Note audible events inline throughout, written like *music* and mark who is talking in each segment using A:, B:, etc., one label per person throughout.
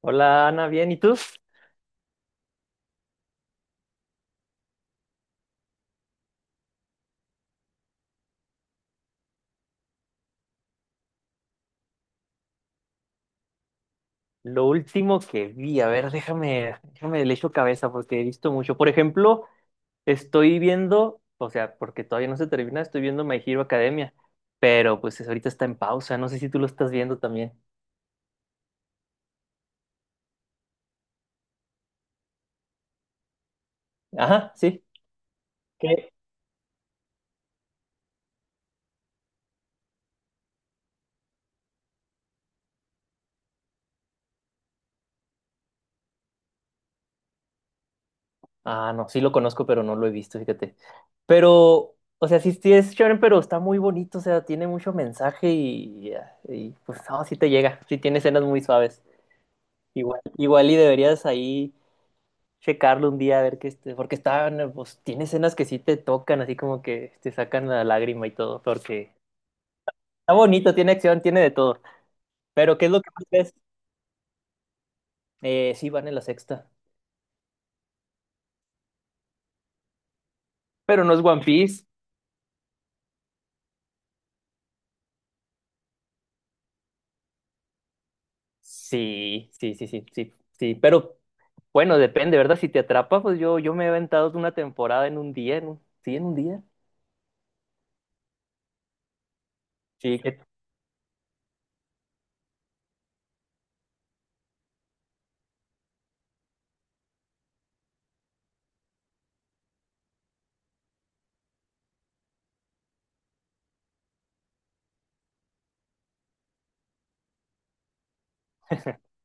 A: Hola Ana, bien, ¿y tú? Lo último que vi, a ver, déjame le echo cabeza porque he visto mucho. Por ejemplo, estoy viendo, o sea, porque todavía no se termina, estoy viendo My Hero Academia, pero pues ahorita está en pausa, no sé si tú lo estás viendo también. Ajá, sí. ¿Qué? Ah, no, sí lo conozco, pero no lo he visto, fíjate. Pero, o sea, sí, sí es shonen, pero está muy bonito, o sea, tiene mucho mensaje pues no, sí te llega, sí tiene escenas muy suaves. Igual, igual y deberías ahí checarlo un día a ver qué este, porque estaban, pues tiene escenas que sí te tocan, así como que te sacan la lágrima y todo, porque está bonito, tiene acción, tiene de todo. Pero ¿qué es lo que más ves? Sí, van en la sexta. Pero no es One Piece. Sí, sí, sí, sí, sí, sí. Pero bueno, depende, ¿verdad? Si te atrapa, pues yo, me he aventado una temporada en un día, en un, sí, en un día. Sí, *laughs*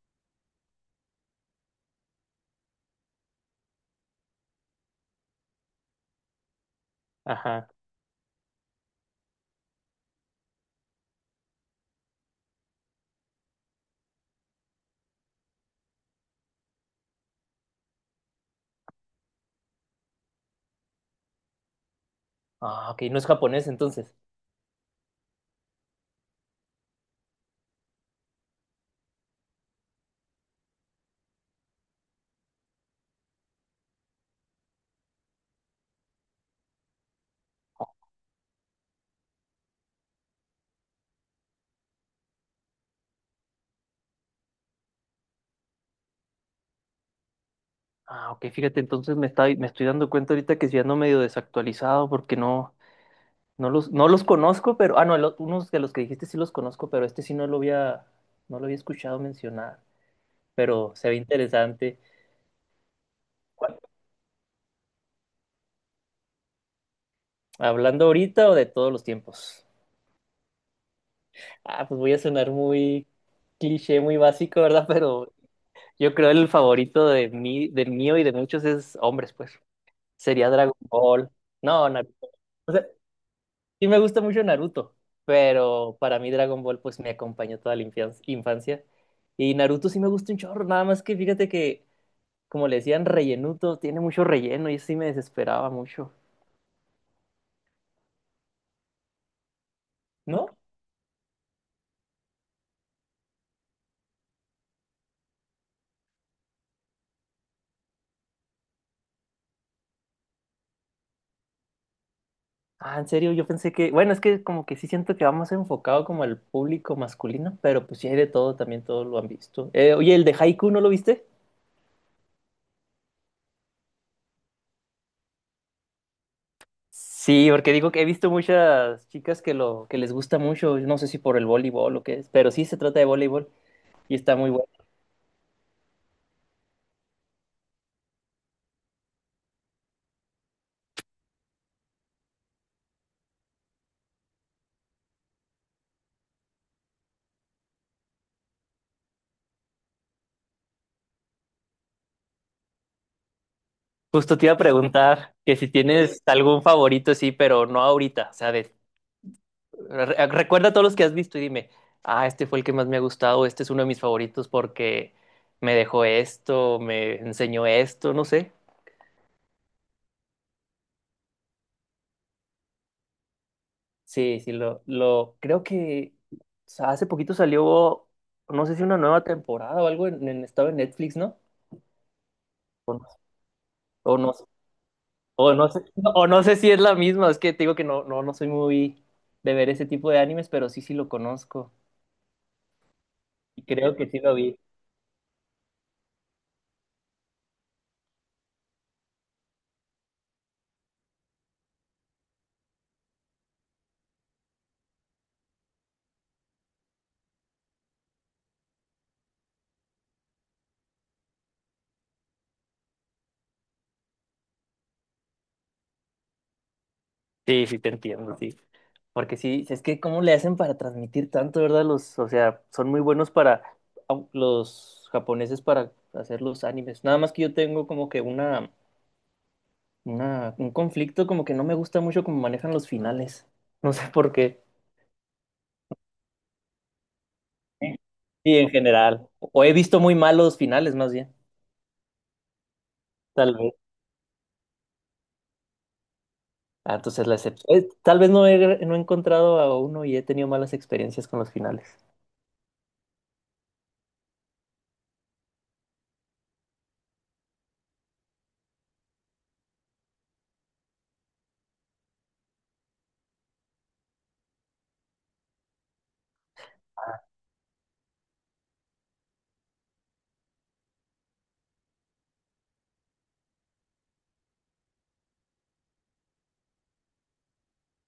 A: Ajá. Ah, ok, no es japonés entonces. Ah, ok, fíjate, entonces me estoy dando cuenta ahorita que ya ando medio desactualizado porque no, no los conozco, pero. Ah, no, unos de los que dijiste sí los conozco, pero este sí no lo había escuchado mencionar. Pero se ve interesante. ¿Cuál? ¿Hablando ahorita o de todos los tiempos? Ah, pues voy a sonar muy cliché, muy básico, ¿verdad? Pero yo creo el favorito de mí, del mío y de muchos es hombres, pues. Sería Dragon Ball. No, Naruto. O sea, sí me gusta mucho Naruto, pero para mí Dragon Ball pues me acompañó toda la infancia. Y Naruto sí me gusta un chorro, nada más que fíjate que como le decían, rellenuto, tiene mucho relleno y sí me desesperaba mucho. ¿No? Ah, en serio, yo pensé que, bueno, es que como que sí siento que va más enfocado como al público masculino, pero pues sí hay de todo, también todos lo han visto. Oye, el de Haiku, ¿no lo viste? Sí, porque digo que he visto muchas chicas que lo que les gusta mucho, no sé si por el voleibol o qué es, pero sí se trata de voleibol y está muy bueno. Justo te iba a preguntar que si tienes algún favorito, sí, pero no ahorita, o sea, de recuerda todos los que has visto y dime, ah, este fue el que más me ha gustado, este es uno de mis favoritos porque me dejó esto, me enseñó esto, no sé. Sí, sí, creo que hace poquito salió, no sé si una nueva temporada o algo en estaba en Netflix, ¿no? O no, o no, o no sé, no, o no sé si es la misma, es que te digo que no, no, no soy muy de ver ese tipo de animes, pero sí, sí lo conozco. Y creo que sí lo vi. Sí, sí, te entiendo, sí. Porque sí, es que cómo le hacen para transmitir tanto, ¿verdad? Los, o sea, son muy buenos para los japoneses para hacer los animes. Nada más que yo tengo como que un conflicto como que no me gusta mucho cómo manejan los finales. *laughs* No sé por qué. Sí, sí, en general. O he visto muy malos finales, más bien. Tal vez. Ah, entonces la excepción. Tal vez no he, No he encontrado a uno y he tenido malas experiencias con los finales.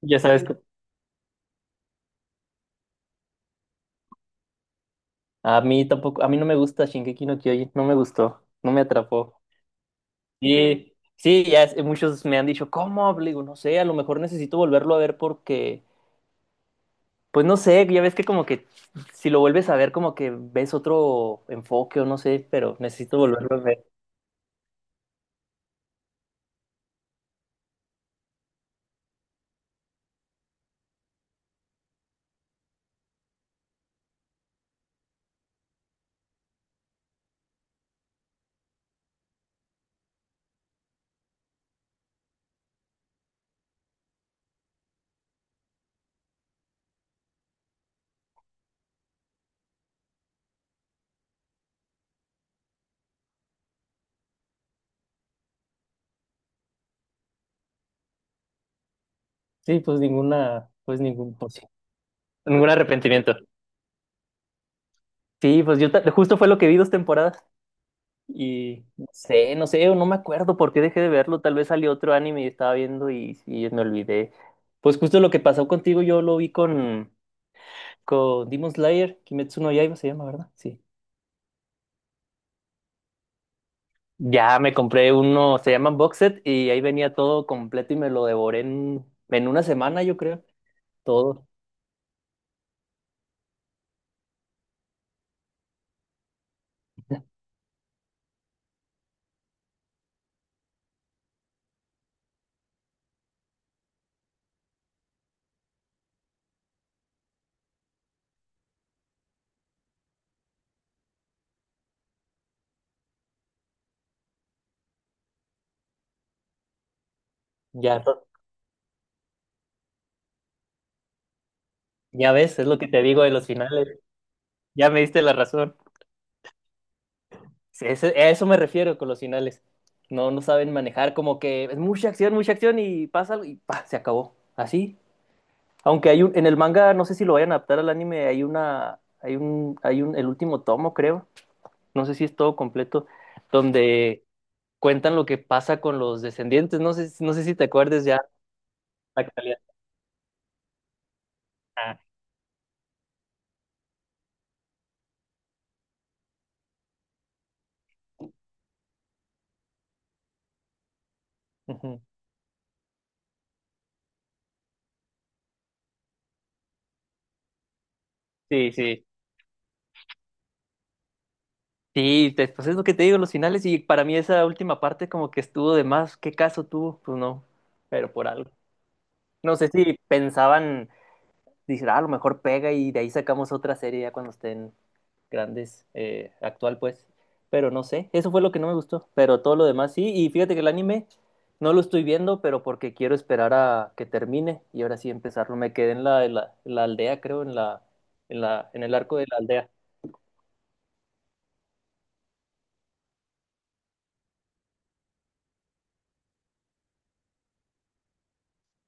A: Ya sabes. A mí tampoco, a mí no me gusta Shingeki no Kyojin, no me gustó, no me atrapó. Y sí, muchos me han dicho, ¿cómo? Le digo, no sé, a lo mejor necesito volverlo a ver porque, pues no sé, ya ves que como que si lo vuelves a ver como que ves otro enfoque o no sé, pero necesito volverlo a ver. Sí, pues ninguna, pues ningún, pues sí, ningún arrepentimiento. Sí, pues yo justo fue lo que vi dos temporadas. Y no sé, no sé, no me acuerdo por qué dejé de verlo. Tal vez salió otro anime y estaba viendo y me olvidé. Pues justo lo que pasó contigo, yo lo vi con Demon Slayer, Kimetsu no Yaiba se llama, ¿verdad? Sí. Ya me compré uno, se llaman Box Set, y ahí venía todo completo y me lo devoré en una semana, yo creo. Todo. Ya, ya ves, es lo que te digo de los finales. Ya me diste la razón. Sí, a eso me refiero con los finales. No, no saben manejar, como que es mucha acción y pasa algo y pa, se acabó. Así. Aunque en el manga, no sé si lo vayan a adaptar al anime, hay una, hay un, el último tomo, creo. No sé si es todo completo, donde cuentan lo que pasa con los descendientes. No sé, no sé si te acuerdes ya la calidad. Ah, ujú. Sí, sí. Sí, pues es lo que te digo, los finales, y para mí esa última parte como que estuvo de más. ¿Qué caso tuvo? Pues no, pero por algo. No sé si pensaban, dicen, ah, a lo mejor pega y de ahí sacamos otra serie ya cuando estén grandes, actual pues. Pero no sé, eso fue lo que no me gustó. Pero todo lo demás sí. Y fíjate que el anime no lo estoy viendo, pero porque quiero esperar a que termine y ahora sí empezarlo. Me quedé en la aldea, creo, en el arco de la aldea.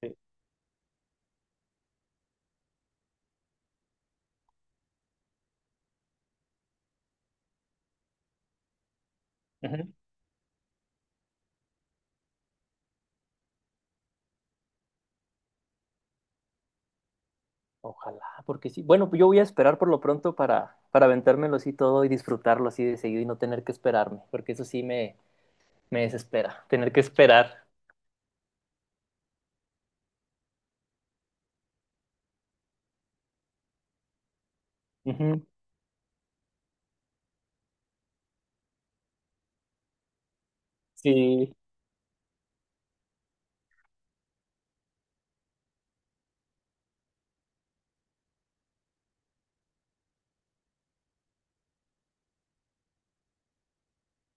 A: Sí. Ujú. Ojalá, porque sí. Bueno, pues yo voy a esperar por lo pronto para aventármelo así todo y disfrutarlo así de seguido y no tener que esperarme, porque eso sí me desespera tener que esperar. Ujú. Sí,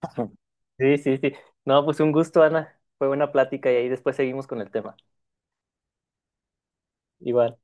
A: *laughs* sí, sí, sí. No, pues un gusto, Ana. Fue buena plática y ahí después seguimos con el tema. Igual.